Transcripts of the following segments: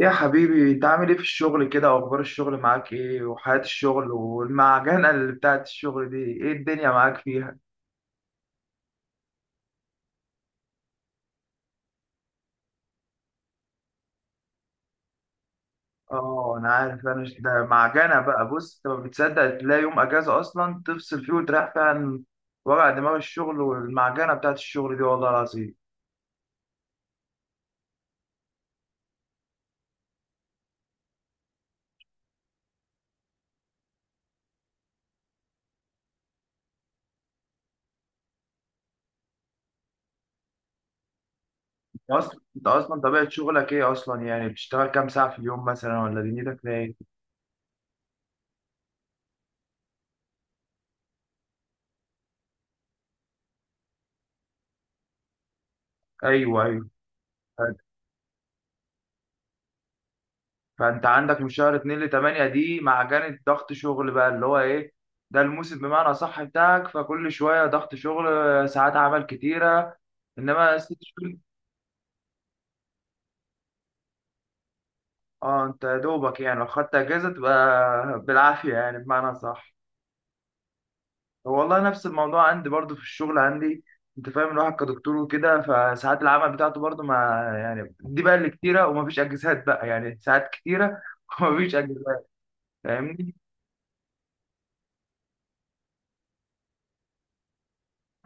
يا حبيبي انت عامل ايه في الشغل كده؟ واخبار الشغل معاك ايه؟ وحياة الشغل والمعجنة اللي بتاعت الشغل دي ايه الدنيا معاك فيها؟ اه انا عارف. ده معجنة بقى. بص، انت ما بتصدق تلاقي يوم اجازة اصلا تفصل فيه وتريح فيه عن وجع دماغ الشغل والمعجنة بتاعت الشغل دي والله العظيم. انت اصلا طبيعة شغلك ايه اصلا؟ يعني بتشتغل كام ساعة في اليوم مثلا؟ ولا دنيتك فيها ايه؟ ايوه، ايوه. فانت عندك من شهر 2 ل 8 دي معجنة ضغط شغل بقى اللي هو ايه، ده الموسم بمعنى صح بتاعك. فكل شوية ضغط شغل، ساعات عمل كتيرة، انما ست شهور. اه، انت يا دوبك يعني لو خدت اجازة تبقى بالعافية يعني، بمعنى صح. والله نفس الموضوع عندي برضو في الشغل عندي. انت فاهم الواحد كدكتور وكده، فساعات العمل بتاعته برضو ما، يعني دي بقى اللي كتيرة ومفيش اجازات بقى، يعني ساعات كتيرة ومفيش اجازات. فاهمني؟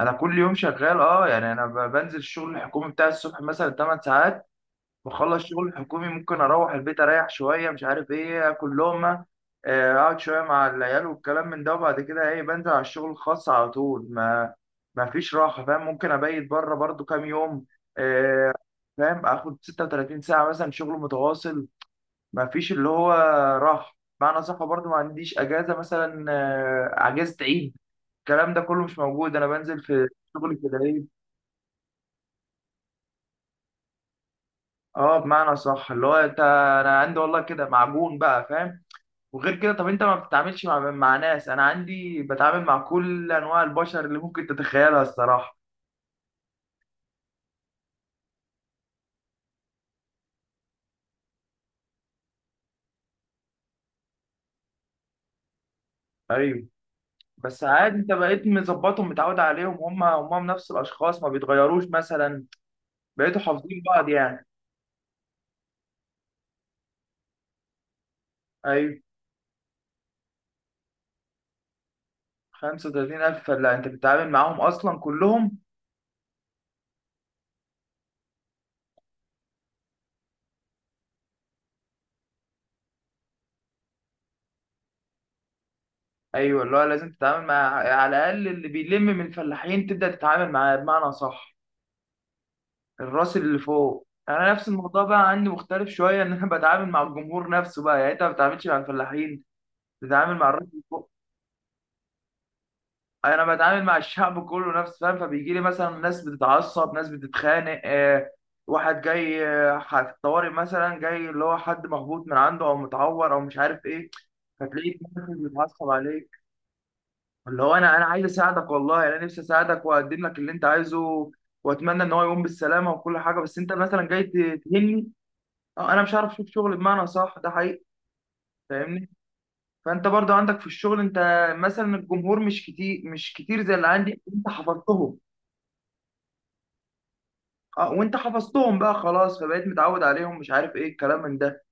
انا كل يوم شغال، اه. يعني بنزل الشغل الحكومي بتاعي الصبح مثلا 8 ساعات، بخلص شغل الحكومي ممكن اروح البيت اريح شويه، مش عارف ايه، اكل لقمه، اقعد شويه مع العيال والكلام من ده، وبعد كده ايه بنزل على الشغل الخاص على طول. ما فيش راحه فاهم. ممكن ابيت بره برضو كام يوم. آه، فاهم، اخد 36 ساعه مثلا شغل متواصل، ما فيش اللي هو راحه، معنى صح. برضو ما عنديش اجازه مثلا، اجازه عيد، الكلام ده كله مش موجود. انا بنزل في شغل كده ايه، اه بمعنى صح اللي هو انت، انا عندي والله كده معجون بقى، فاهم. وغير كده، طب انت ما بتتعاملش مع ناس؟ انا عندي بتعامل مع كل انواع البشر اللي ممكن تتخيلها الصراحه. ايوه. بس عادي انت بقيت مظبطهم متعود عليهم، هم نفس الاشخاص، ما بيتغيروش مثلا. بقيتوا حافظين بعض يعني. ايوه. 35000؟ لا انت بتتعامل معاهم اصلا كلهم. ايوه، اللي هو لازم تتعامل مع، على الاقل اللي بيلم من الفلاحين تبدا تتعامل معاه بمعنى صح. الراس اللي فوق. يعني انا نفس الموضوع بقى عندي مختلف شويه، ان انا بتعامل مع الجمهور نفسه بقى. يعني انت ما بتتعاملش مع الفلاحين، بتتعامل مع الراس اللي فوق. انا بتعامل مع الشعب كله نفسه، فاهم. فبيجي لي مثلا ناس بتتعصب، ناس بتتخانق، واحد جاي، في الطوارئ مثلا، جاي اللي هو حد مخبوط من عنده او متعور او مش عارف ايه، فتلاقيه بيتعصب عليك. اللي هو انا عايز اساعدك والله، يعني انا نفسي اساعدك واقدم لك اللي انت عايزه، واتمنى ان هو يقوم بالسلامه وكل حاجه. بس انت مثلا جاي تهني. اه انا مش عارف اشوف شغل بمعنى صح، ده حقيقي. فاهمني. فانت برضو عندك في الشغل، انت مثلا الجمهور مش كتير، مش كتير زي اللي عندي. انت حفظتهم. اه، وانت حفظتهم بقى خلاص، فبقيت متعود عليهم، مش عارف ايه الكلام من ده.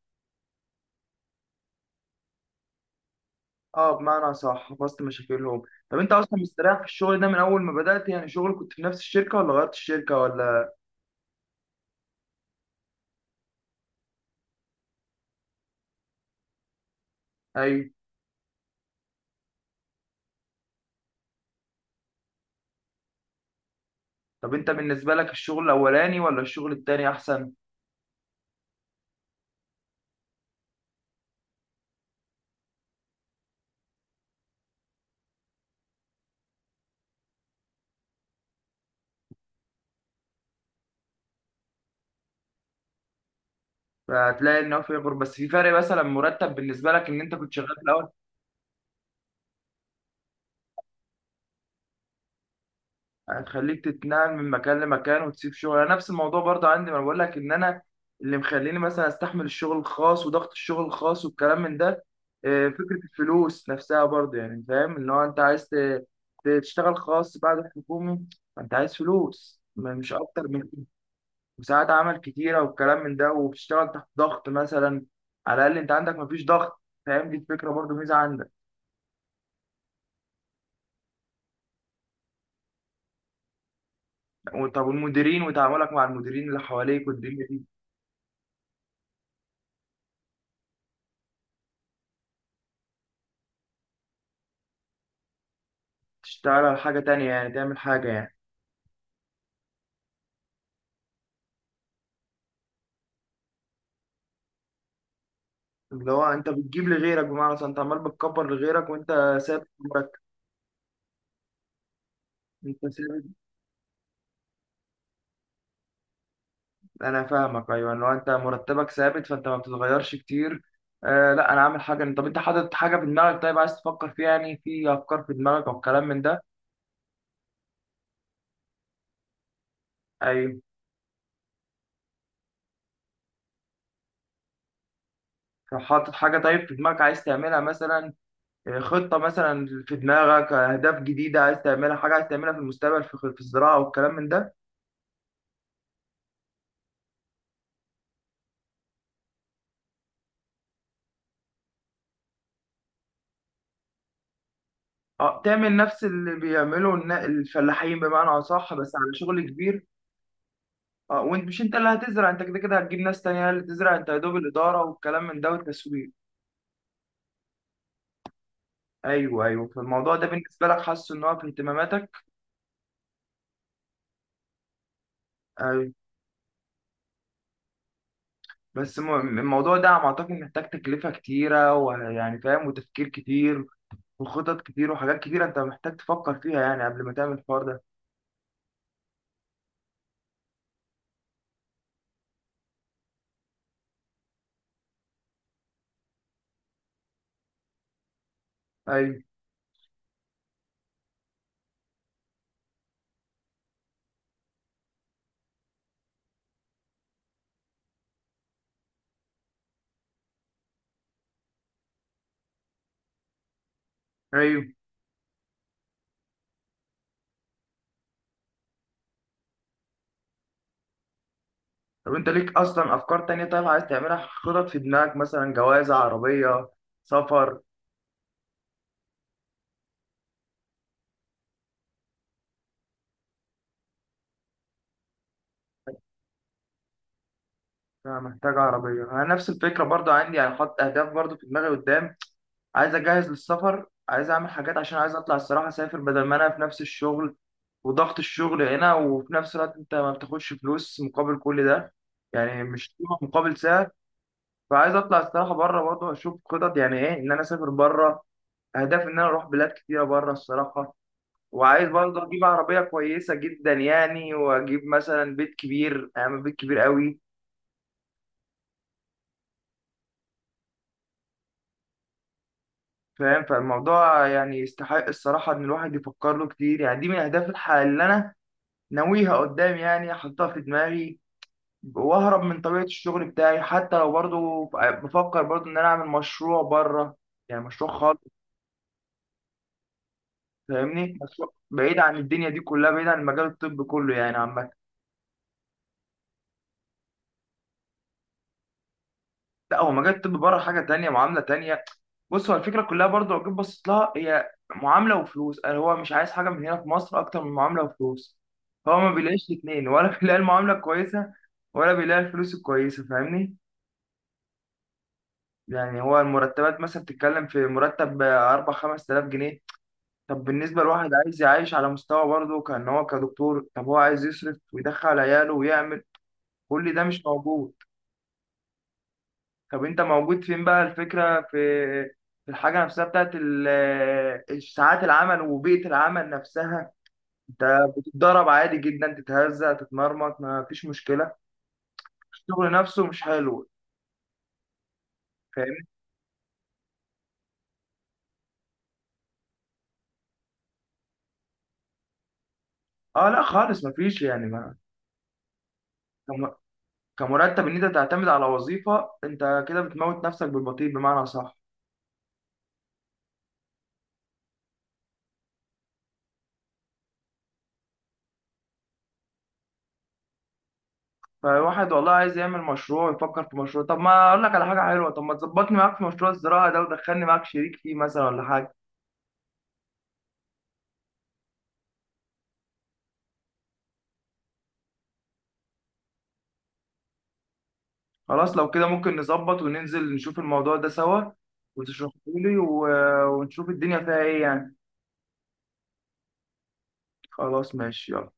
اه بمعنى صح، حفظت مشاكلهم. طب انت اصلا مستريح في الشغل ده من اول ما بدأت؟ يعني شغل كنت في نفس الشركة ولا غيرت الشركة ولا؟ ايوه. طب انت بالنسبة لك الشغل الاولاني ولا الشغل التاني احسن؟ فهتلاقي ان هو في فرق، بس في فرق مثلا مرتب بالنسبة لك ان انت كنت شغال في الاول، هتخليك تتنقل من مكان لمكان وتسيب شغل. انا نفس الموضوع برضه عندي، ما أنا بقول لك ان انا اللي مخليني مثلا استحمل الشغل الخاص وضغط الشغل الخاص والكلام من ده، فكرة الفلوس نفسها برضه يعني، فاهم. اللي هو انت عايز تشتغل خاص بعد الحكومي. فانت عايز فلوس مش اكتر من كده. وساعات عمل كتيرة والكلام من ده، وبتشتغل تحت ضغط مثلا. على الاقل انت عندك مفيش ضغط، فاهم، دي الفكرة برضه ميزة عندك. طب والمديرين، وتعاملك مع المديرين اللي حواليك والدنيا؟ تشتغل على حاجة تانية يعني، تعمل حاجة يعني. اللي هو انت بتجيب لغيرك بمعنى صح، انت عمال بتكبر لغيرك وانت ثابت مرتب. انت ثابت. انا فاهمك ايوه، اللي هو انت مرتبك ثابت فانت ما بتتغيرش كتير. آه لا انا عامل حاجة. طب انت حاطط حاجة في دماغك طيب عايز تفكر فيها؟ يعني في افكار في دماغك او كلام من ده؟ ايوه. طب حاطط حاجة طيب في دماغك عايز تعملها مثلا؟ خطة مثلا في دماغك، اهداف جديدة عايز تعملها، حاجة عايز تعملها في المستقبل في الزراعة والكلام من ده؟ اه تعمل نفس اللي بيعمله الفلاحين بمعنى اصح، بس على شغل كبير. اه وانت مش انت اللي هتزرع، انت كده كده هتجيب ناس تانية هي اللي تزرع، انت يا دوب الاداره والكلام من ده والتسويق. ايوه، ايوه. فالموضوع ده بالنسبه لك حاسه ان هو في اهتماماتك؟ ايوه. بس الموضوع ده على ما اعتقد محتاج تكلفه كتيره ويعني فاهم، وتفكير كتير وخطط كتير وحاجات كتيره انت محتاج تفكر فيها يعني قبل ما تعمل الحوار ده. ايوه، ايوه. طب انت ليك اصلا افكار تانية طيب عايز تعملها، خطط في دماغك، مثلا جواز، عربيه، سفر؟ لا محتاج عربية. أنا نفس الفكرة برضو عندي، يعني حاطط أهداف برضو في دماغي قدام. عايز أجهز للسفر، عايز أعمل حاجات عشان عايز أطلع الصراحة، أسافر بدل ما أنا في نفس الشغل وضغط الشغل هنا، وفي نفس الوقت أنت ما بتاخدش فلوس مقابل كل ده، يعني مش قيمة مقابل سعر. فعايز أطلع الصراحة بره برضو، أشوف خطط يعني إيه إن أنا أسافر بره، أهداف إن أنا أروح بلاد كتيرة بره الصراحة. وعايز برضه أجيب عربية كويسة جدا يعني، وأجيب مثلا بيت كبير، أعمل بيت كبير قوي، فاهم. فالموضوع يعني يستحق الصراحة إن الواحد يفكر له كتير. يعني دي من أهداف الحياة اللي أنا ناويها قدام، يعني أحطها في دماغي، وأهرب من طبيعة الشغل بتاعي. حتى لو برضو بفكر برضو إن أنا أعمل مشروع بره، يعني مشروع خالص، فاهمني. مشروع بعيد عن الدنيا دي كلها، بعيد عن المجال الطبي كله يعني عامة. لا هو مجال الطب بره حاجه تانية، معامله تانية. بص، هو الفكره كلها برضو لو جيت بصيت لها، هي معامله وفلوس. يعني هو مش عايز حاجه من هنا في مصر اكتر من معامله وفلوس. هو ما بيلاقيش الاثنين، ولا بيلاقي المعامله الكويسه ولا بيلاقي الفلوس الكويسه، فاهمني. يعني هو المرتبات مثلا بتتكلم في مرتب 4 5000 جنيه. طب بالنسبه لواحد عايز يعيش على مستوى برضه كان هو كدكتور، طب هو عايز يصرف ويدخل عياله ويعمل، كل ده مش موجود. طب انت موجود فين بقى؟ الفكرة في الحاجة نفسها بتاعت ساعات العمل وبيئة العمل نفسها. انت بتتضرب عادي جدا، تتهزأ، تتمرمط، ما فيش مشكلة. الشغل نفسه مش حلو، فاهمني. اه لا خالص ما فيش، يعني ما، كم- كمرتب ان انت تعتمد على وظيفة انت كده بتموت نفسك بالبطيء بمعنى صح. فواحد والله عايز يعمل مشروع، يفكر في مشروع. طب ما اقول لك على حاجة حلوة، طب ما تظبطني معاك في مشروع الزراعة ده ودخلني معاك شريك فيه مثلا ولا حاجة؟ خلاص لو كده ممكن نظبط وننزل نشوف الموضوع ده سوا وتشرحه لي و... ونشوف الدنيا فيها ايه يعني. خلاص ماشي يلا.